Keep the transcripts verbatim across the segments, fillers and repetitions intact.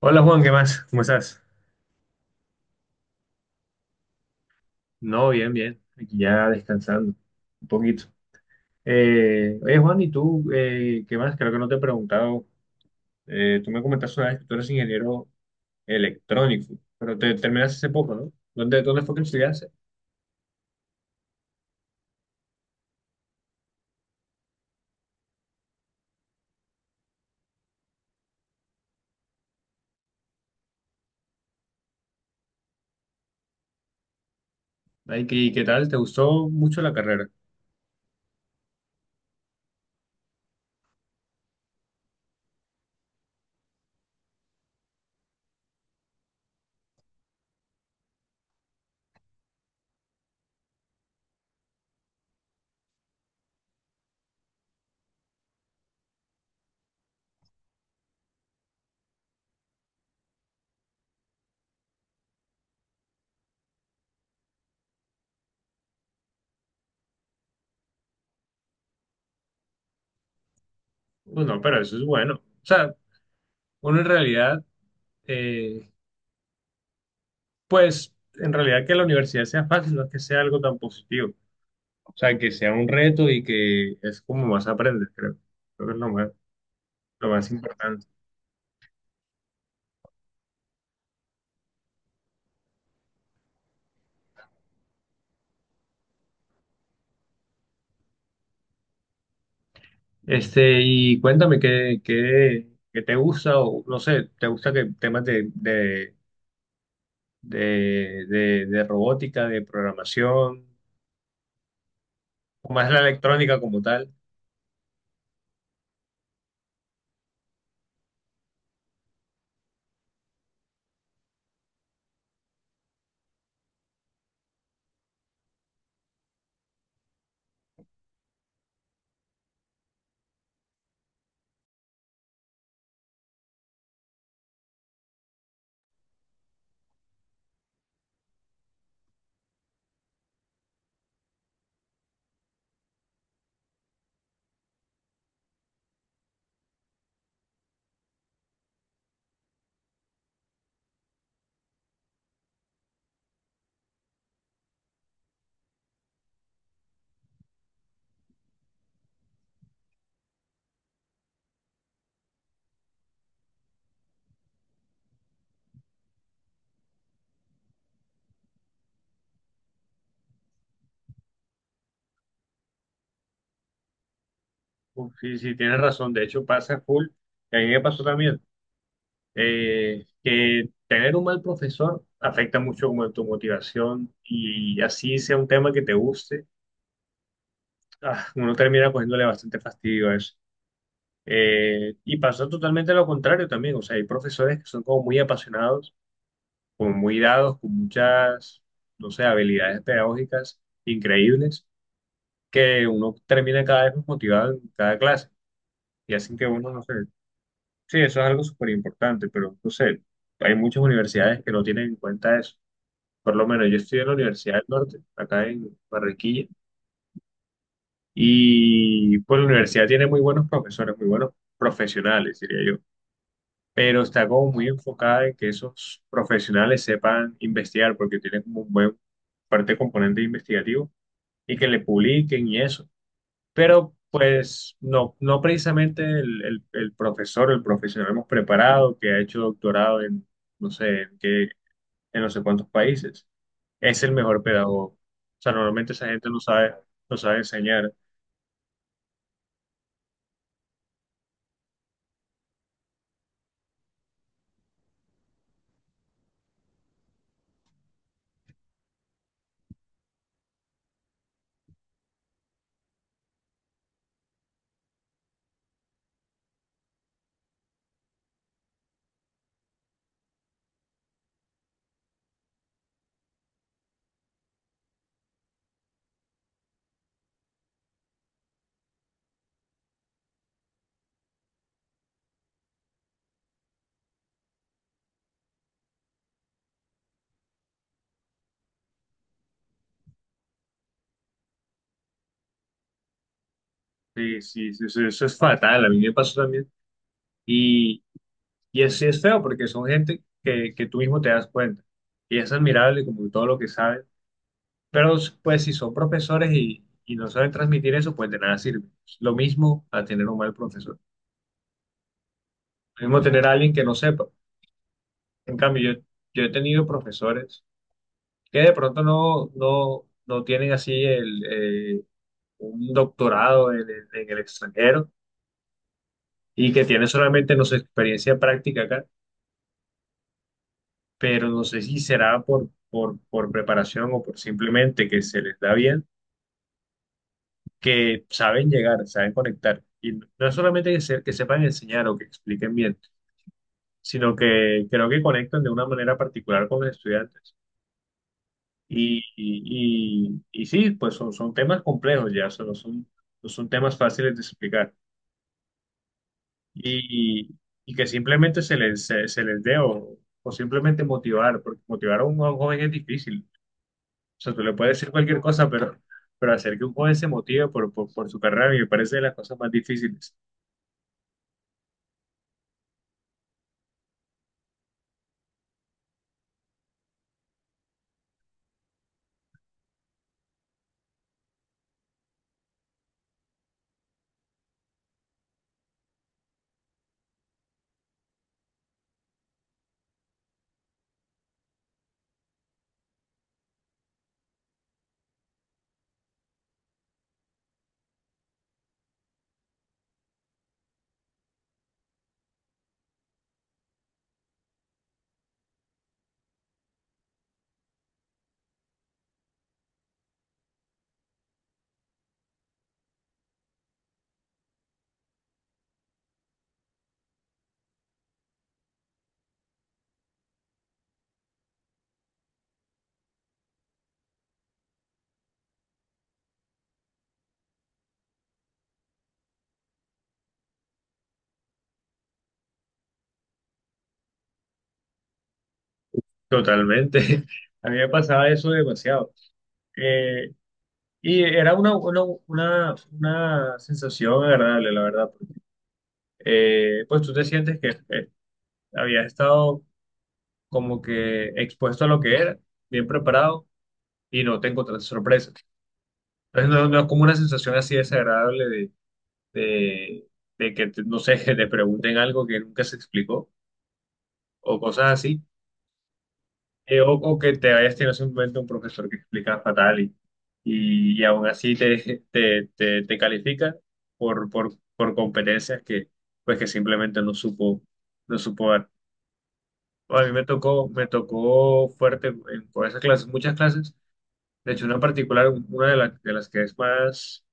Hola Juan, ¿qué más? ¿Cómo estás? No, bien, bien. Aquí ya descansando un poquito. Eh, oye, Juan, ¿y tú eh, qué más? Creo que no te he preguntado. Eh, tú me comentaste una vez que tú eres ingeniero electrónico, pero te terminaste hace poco, ¿no? ¿Dónde, dónde fue que estudiaste? Ay, ¿qué, qué tal? ¿Te gustó mucho la carrera? Bueno, pero eso es bueno. O sea, uno en realidad, eh, pues, en realidad que la universidad sea fácil, no es que sea algo tan positivo. O sea, que sea un reto y que es como más aprendes, creo. Creo que es lo más, lo más importante. Este, y cuéntame qué, qué, qué te gusta, o no sé, ¿te gusta que temas de, de, de, de, de robótica, de programación, o más la electrónica como tal? Uf, sí, sí, tienes razón. De hecho, pasa full. Y a mí me pasó también, eh, que tener un mal profesor afecta mucho como tu motivación y así sea un tema que te guste ah, uno termina cogiéndole bastante fastidio a eso. Eh, y pasa totalmente lo contrario también, o sea, hay profesores que son como muy apasionados, como muy dados, con muchas, no sé, habilidades pedagógicas increíbles, que uno termina cada vez más motivado en cada clase y hacen que uno, no sé, sí, eso es algo súper importante, pero no sé, hay muchas universidades que no tienen en cuenta eso. Por lo menos yo estudié en la Universidad del Norte, acá en Barranquilla. Y pues la universidad tiene muy buenos profesores, muy buenos profesionales, diría yo, pero está como muy enfocada en que esos profesionales sepan investigar, porque tienen como un buen parte componente investigativo y que le publiquen y eso. Pero pues no, no precisamente el, el, el profesor, el profesional hemos preparado, que ha hecho doctorado en no sé, en qué, en no sé cuántos países, es el mejor pedagogo. O sea, normalmente esa gente no sabe, no sabe enseñar. Sí, sí, sí, eso, eso es fatal, a mí me pasó también. Y, y es, sí es feo porque son gente que, que tú mismo te das cuenta. Y es admirable como todo lo que saben. Pero pues si son profesores y, y no saben transmitir eso, pues de nada sirve. Es lo mismo a tener un mal profesor. Lo mismo tener a alguien que no sepa. En cambio, yo, yo he tenido profesores que de pronto no, no, no tienen así el, eh, un doctorado en el en el extranjero y que tienen solamente, no sé, experiencia práctica acá, pero no sé si será por, por, por preparación o por simplemente que se les da bien, que saben llegar, saben conectar. Y no no es solamente que, se- que sepan enseñar o que expliquen bien, sino que creo que conectan de una manera particular con los estudiantes. Y, y, y, y sí, pues son, son temas complejos ya, o sea, no son, no son temas fáciles de explicar. Y, y que simplemente se les, se, se les dé o, o simplemente motivar, porque motivar a un, a un joven es difícil. O sea, tú le puedes decir cualquier cosa, pero, pero hacer que un joven se motive por, por, por su carrera me parece de las cosas más difíciles. Totalmente. A mí me pasaba eso demasiado. Eh, y era una, una, una, una sensación agradable, la verdad, porque, eh, pues tú te sientes que eh, habías estado como que expuesto a lo que era, bien preparado, y no te encontraste sorpresas. Entonces no, no es como una sensación así desagradable de, de, de que, te- no sé, que te pregunten algo que nunca se explicó o cosas así, eh, o, o que te hayas tenido simplemente un profesor que explica fatal y, y, y aún así te, te, te, te califica por, por, por competencias que, pues que simplemente no supo, no supo dar. A mí me tocó, me tocó fuerte en- por esas clases, muchas clases, de hecho una en particular, una de, las de las que es más,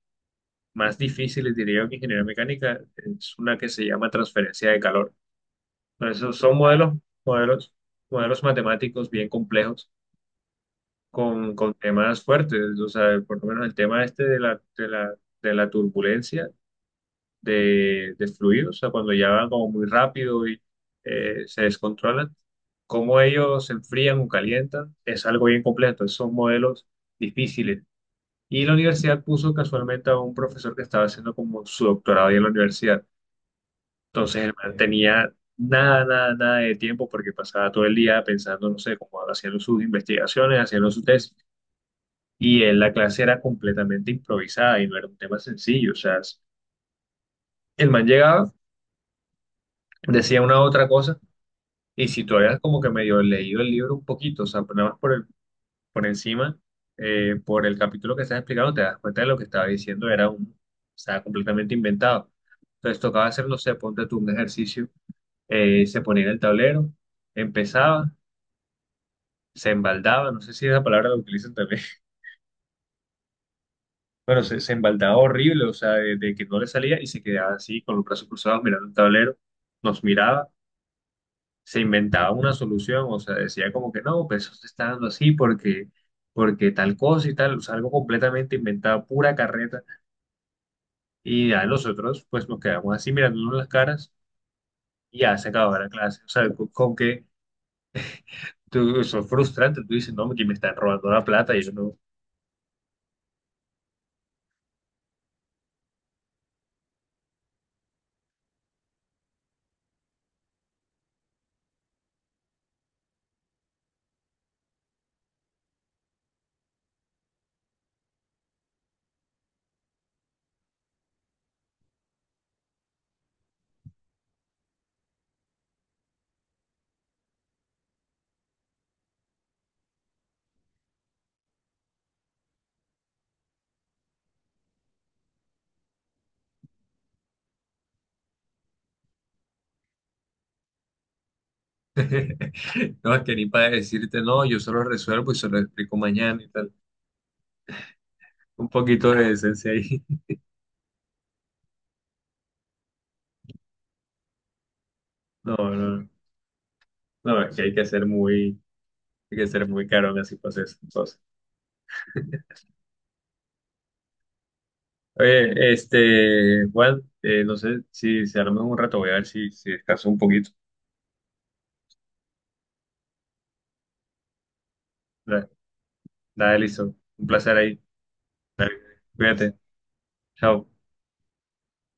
más difícil, diría yo, que ingeniería mecánica, es una que se llama transferencia de calor. Entonces, son modelos, modelos, modelos matemáticos bien complejos con, con temas fuertes, o sea, por lo menos el tema este de la, de la, de la turbulencia de, de fluidos, o sea, cuando ya van como muy rápido y eh, se descontrolan, cómo ellos se enfrían o calientan, es algo bien complejo, esos son modelos difíciles. Y la universidad puso casualmente a un profesor que estaba haciendo como su doctorado ahí en la universidad, entonces el man Ok. tenía... Nada, nada, nada de tiempo porque pasaba todo el día pensando, no sé, como haciendo sus investigaciones, haciendo su tesis y en la clase era completamente improvisada y no era un tema sencillo. O sea, el man llegaba, decía una u otra cosa, y si tú habías como que medio leído el libro un poquito, o sea, nada más por, el- por encima, eh, por el capítulo que estás explicando, te das cuenta de lo que estaba diciendo era un, estaba completamente inventado. Entonces tocaba hacer, no sé, ponte tú un ejercicio, eh, se ponía en el tablero, empezaba, se embaldaba, no sé si esa palabra la utilizan también. Bueno, se, se embaldaba horrible, o sea, de, de que no le salía y se quedaba así con los brazos cruzados mirando el tablero, nos miraba, se inventaba una solución, o sea, decía como que no, pues eso se está dando así porque, porque tal cosa y tal, o sea, algo completamente inventado, pura carreta, y a nosotros pues nos quedamos así mirándonos las caras y ya se acababa la clase, o sea, con, con que tú, eso es frustrante, tú dices, no, que me están robando la plata y yo no, no, es que ni para decirte, no, yo solo resuelvo y se lo explico mañana y tal. Un poquito de decencia ahí. No, no, no. No, es que hay que ser muy, hay que ser muy caro así para hacer esas cosas. Oye, este, Juan, eh, no sé si se arma un rato, voy a ver si, si descanso un poquito. Dale, dale, listo. Un placer ahí. Cuídate. Chao.